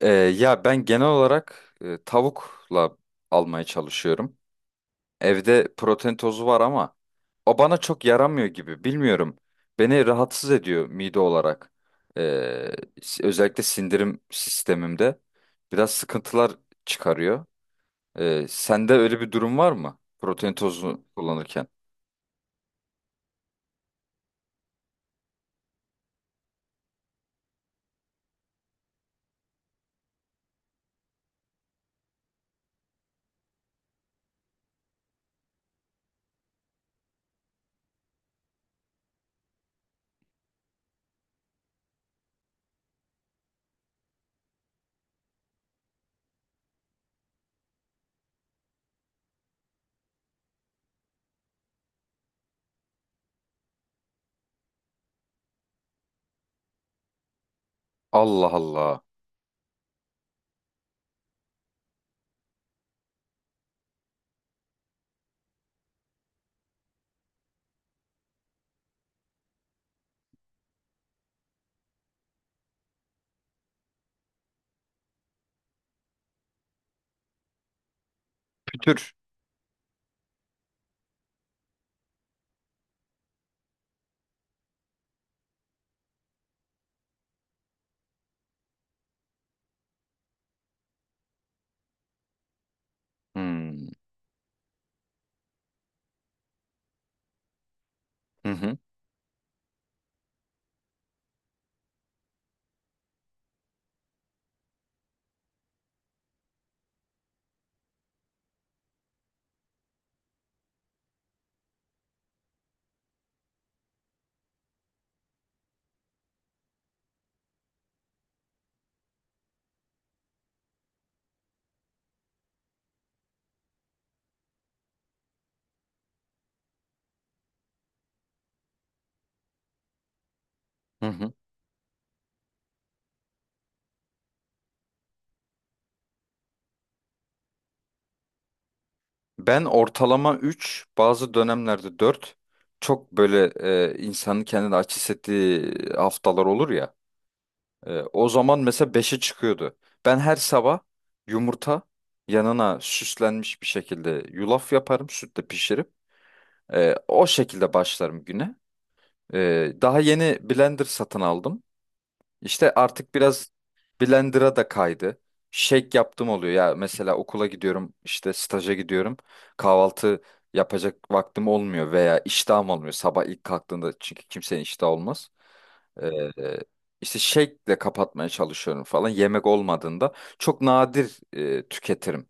Ya ben genel olarak tavukla almaya çalışıyorum. Evde protein tozu var ama o bana çok yaramıyor gibi. Bilmiyorum. Beni rahatsız ediyor mide olarak. Ee, Özellikle sindirim sistemimde biraz sıkıntılar çıkarıyor. Sende öyle bir durum var mı? Protein tozunu kullanırken. Allah Allah. Pütür. Hmm. Hı hı. Hı hı. Ben ortalama 3, bazı dönemlerde dört. Çok böyle insanın kendini aç hissettiği haftalar olur ya. O zaman mesela beşe çıkıyordu. Ben her sabah yumurta yanına süslenmiş bir şekilde yulaf yaparım, sütle pişirip. O şekilde başlarım güne. Daha yeni blender satın aldım. İşte artık biraz. Blender'a da kaydı. Shake yaptım oluyor ya, mesela okula gidiyorum, işte staja gidiyorum, kahvaltı yapacak vaktim olmuyor veya iştahım olmuyor sabah ilk kalktığında çünkü kimsenin iştahı olmaz. Ee, işte shake'le kapatmaya çalışıyorum falan, yemek olmadığında çok nadir tüketirim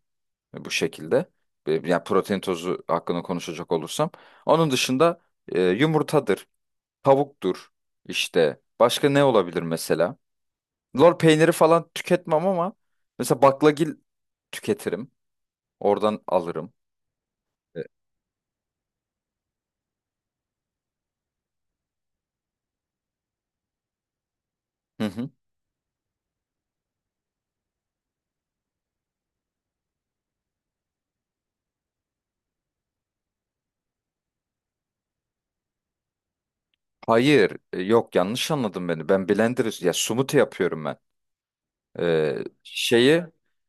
bu şekilde. Yani protein tozu hakkında konuşacak olursam. Onun dışında yumurtadır, tavuktur, işte başka ne olabilir mesela? Lor peyniri falan tüketmem ama mesela baklagil tüketirim. Oradan alırım. E, Hı hı. Hayır, yok, yanlış anladın beni. Ben blender ya, smoothie yapıyorum ben. E, Şeyi,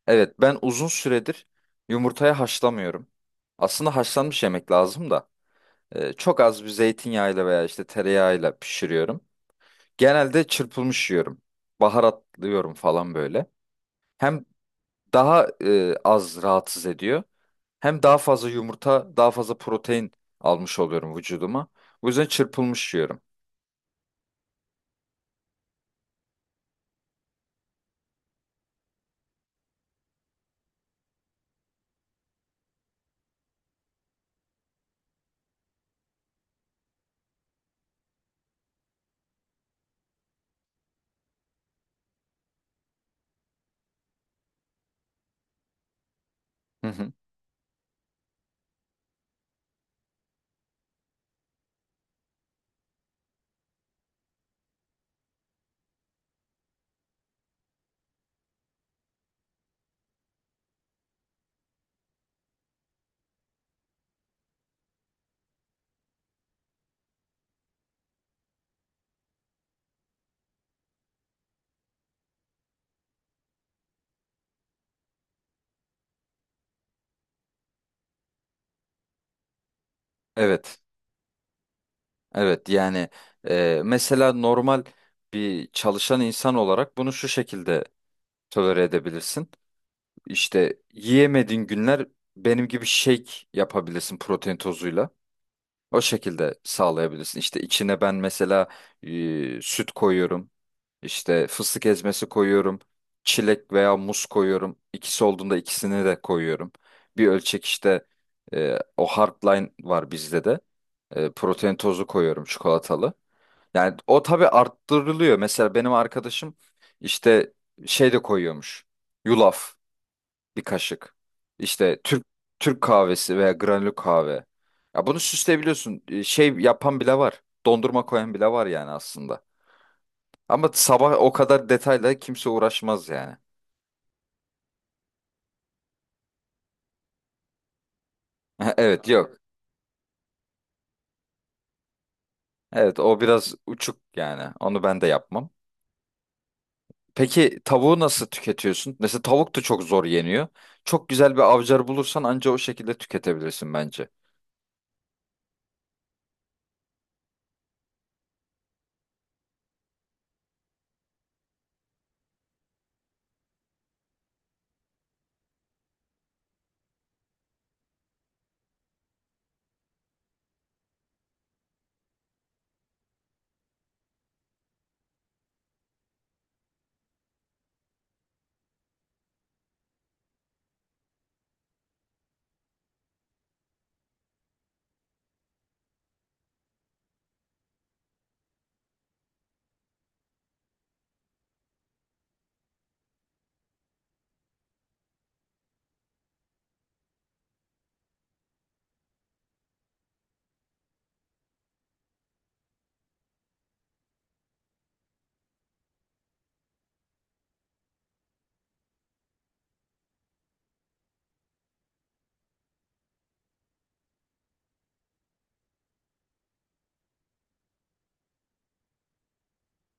evet ben uzun süredir yumurtaya haşlamıyorum. Aslında haşlanmış yemek lazım da çok az bir zeytinyağıyla veya işte tereyağıyla pişiriyorum. Genelde çırpılmış yiyorum. Baharatlıyorum falan böyle. Hem daha az rahatsız ediyor. Hem daha fazla yumurta, daha fazla protein almış oluyorum vücuduma. Bu yüzden çırpılmış yiyorum. Hı hı. Evet, evet yani mesela normal bir çalışan insan olarak bunu şu şekilde tolere edebilirsin. İşte yiyemediğin günler benim gibi shake yapabilirsin protein tozuyla. O şekilde sağlayabilirsin. İşte içine ben mesela süt koyuyorum. İşte fıstık ezmesi koyuyorum. Çilek veya muz koyuyorum. İkisi olduğunda ikisini de koyuyorum. Bir ölçek işte o hardline var bizde de. Protein tozu koyuyorum çikolatalı. Yani o tabii arttırılıyor. Mesela benim arkadaşım işte şey de koyuyormuş. Yulaf bir kaşık. İşte Türk kahvesi veya granül kahve. Ya bunu süsleyebiliyorsun. Şey yapan bile var. Dondurma koyan bile var yani aslında. Ama sabah o kadar detayla kimse uğraşmaz yani. Evet, yok. Evet, o biraz uçuk yani. Onu ben de yapmam. Peki tavuğu nasıl tüketiyorsun? Mesela tavuk da çok zor yeniyor. Çok güzel bir avcar bulursan anca o şekilde tüketebilirsin bence.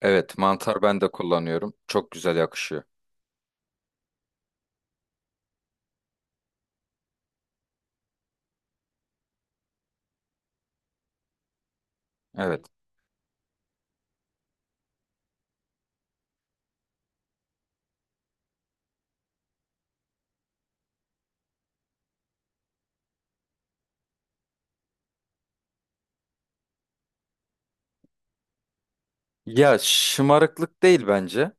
Evet, mantar ben de kullanıyorum. Çok güzel yakışıyor. Evet. Ya, şımarıklık değil bence.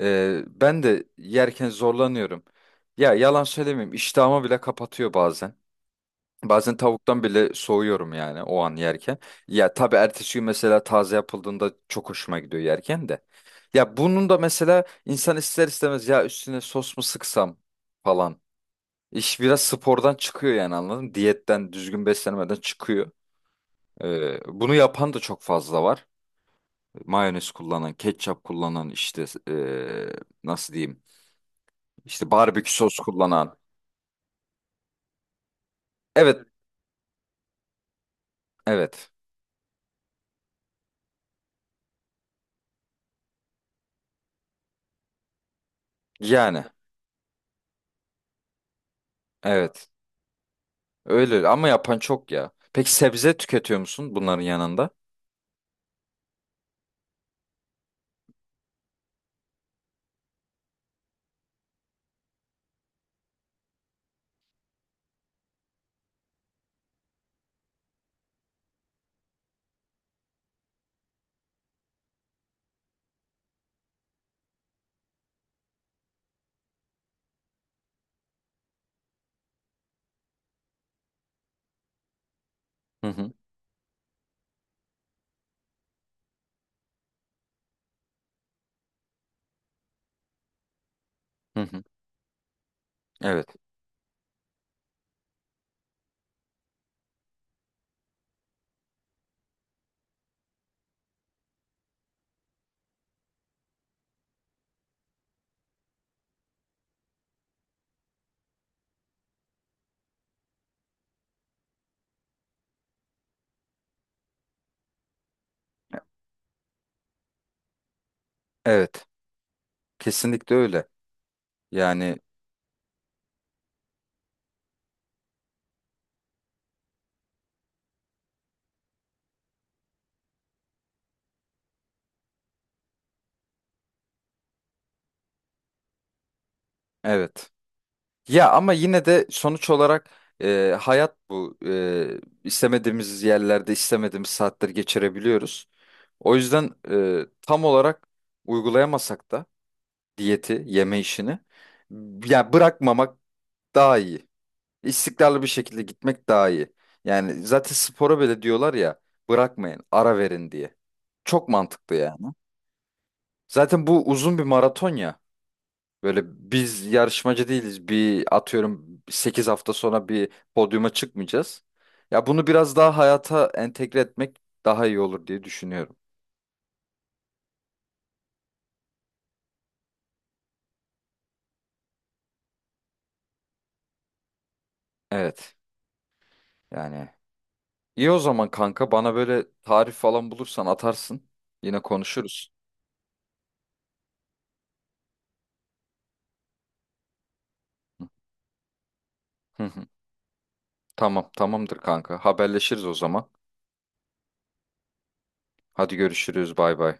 Ben de yerken zorlanıyorum. Ya, yalan söylemeyeyim, iştahımı bile kapatıyor bazen. Bazen tavuktan bile soğuyorum yani o an yerken. Ya tabii ertesi gün mesela taze yapıldığında çok hoşuma gidiyor yerken de. Ya bunun da mesela insan ister istemez, ya üstüne sos mu sıksam falan. İş biraz spordan çıkıyor yani, anladın mı? Diyetten, düzgün beslenmeden çıkıyor. Bunu yapan da çok fazla var, mayonez kullanan, ketçap kullanan, işte nasıl diyeyim? İşte barbekü sos kullanan. Evet, evet. Yani evet. Öyle ama yapan çok ya. Peki sebze tüketiyor musun bunların yanında? Hı hı. Hı hı. Evet. Evet. Kesinlikle öyle. Yani evet. Ya ama yine de sonuç olarak hayat bu. İstemediğimiz yerlerde istemediğimiz saatleri geçirebiliyoruz. O yüzden tam olarak uygulayamasak da diyeti, yeme işini. Ya bırakmamak daha iyi. İstikrarlı bir şekilde gitmek daha iyi. Yani zaten spora bile diyorlar ya, bırakmayın, ara verin diye. Çok mantıklı yani. Zaten bu uzun bir maraton ya. Böyle biz yarışmacı değiliz. Bir atıyorum 8 hafta sonra bir podyuma çıkmayacağız. Ya bunu biraz daha hayata entegre etmek daha iyi olur diye düşünüyorum. Evet. Yani iyi o zaman kanka, bana böyle tarif falan bulursan atarsın. Yine konuşuruz. Hı hı. Tamam, tamamdır kanka. Haberleşiriz o zaman. Hadi görüşürüz. Bay bay.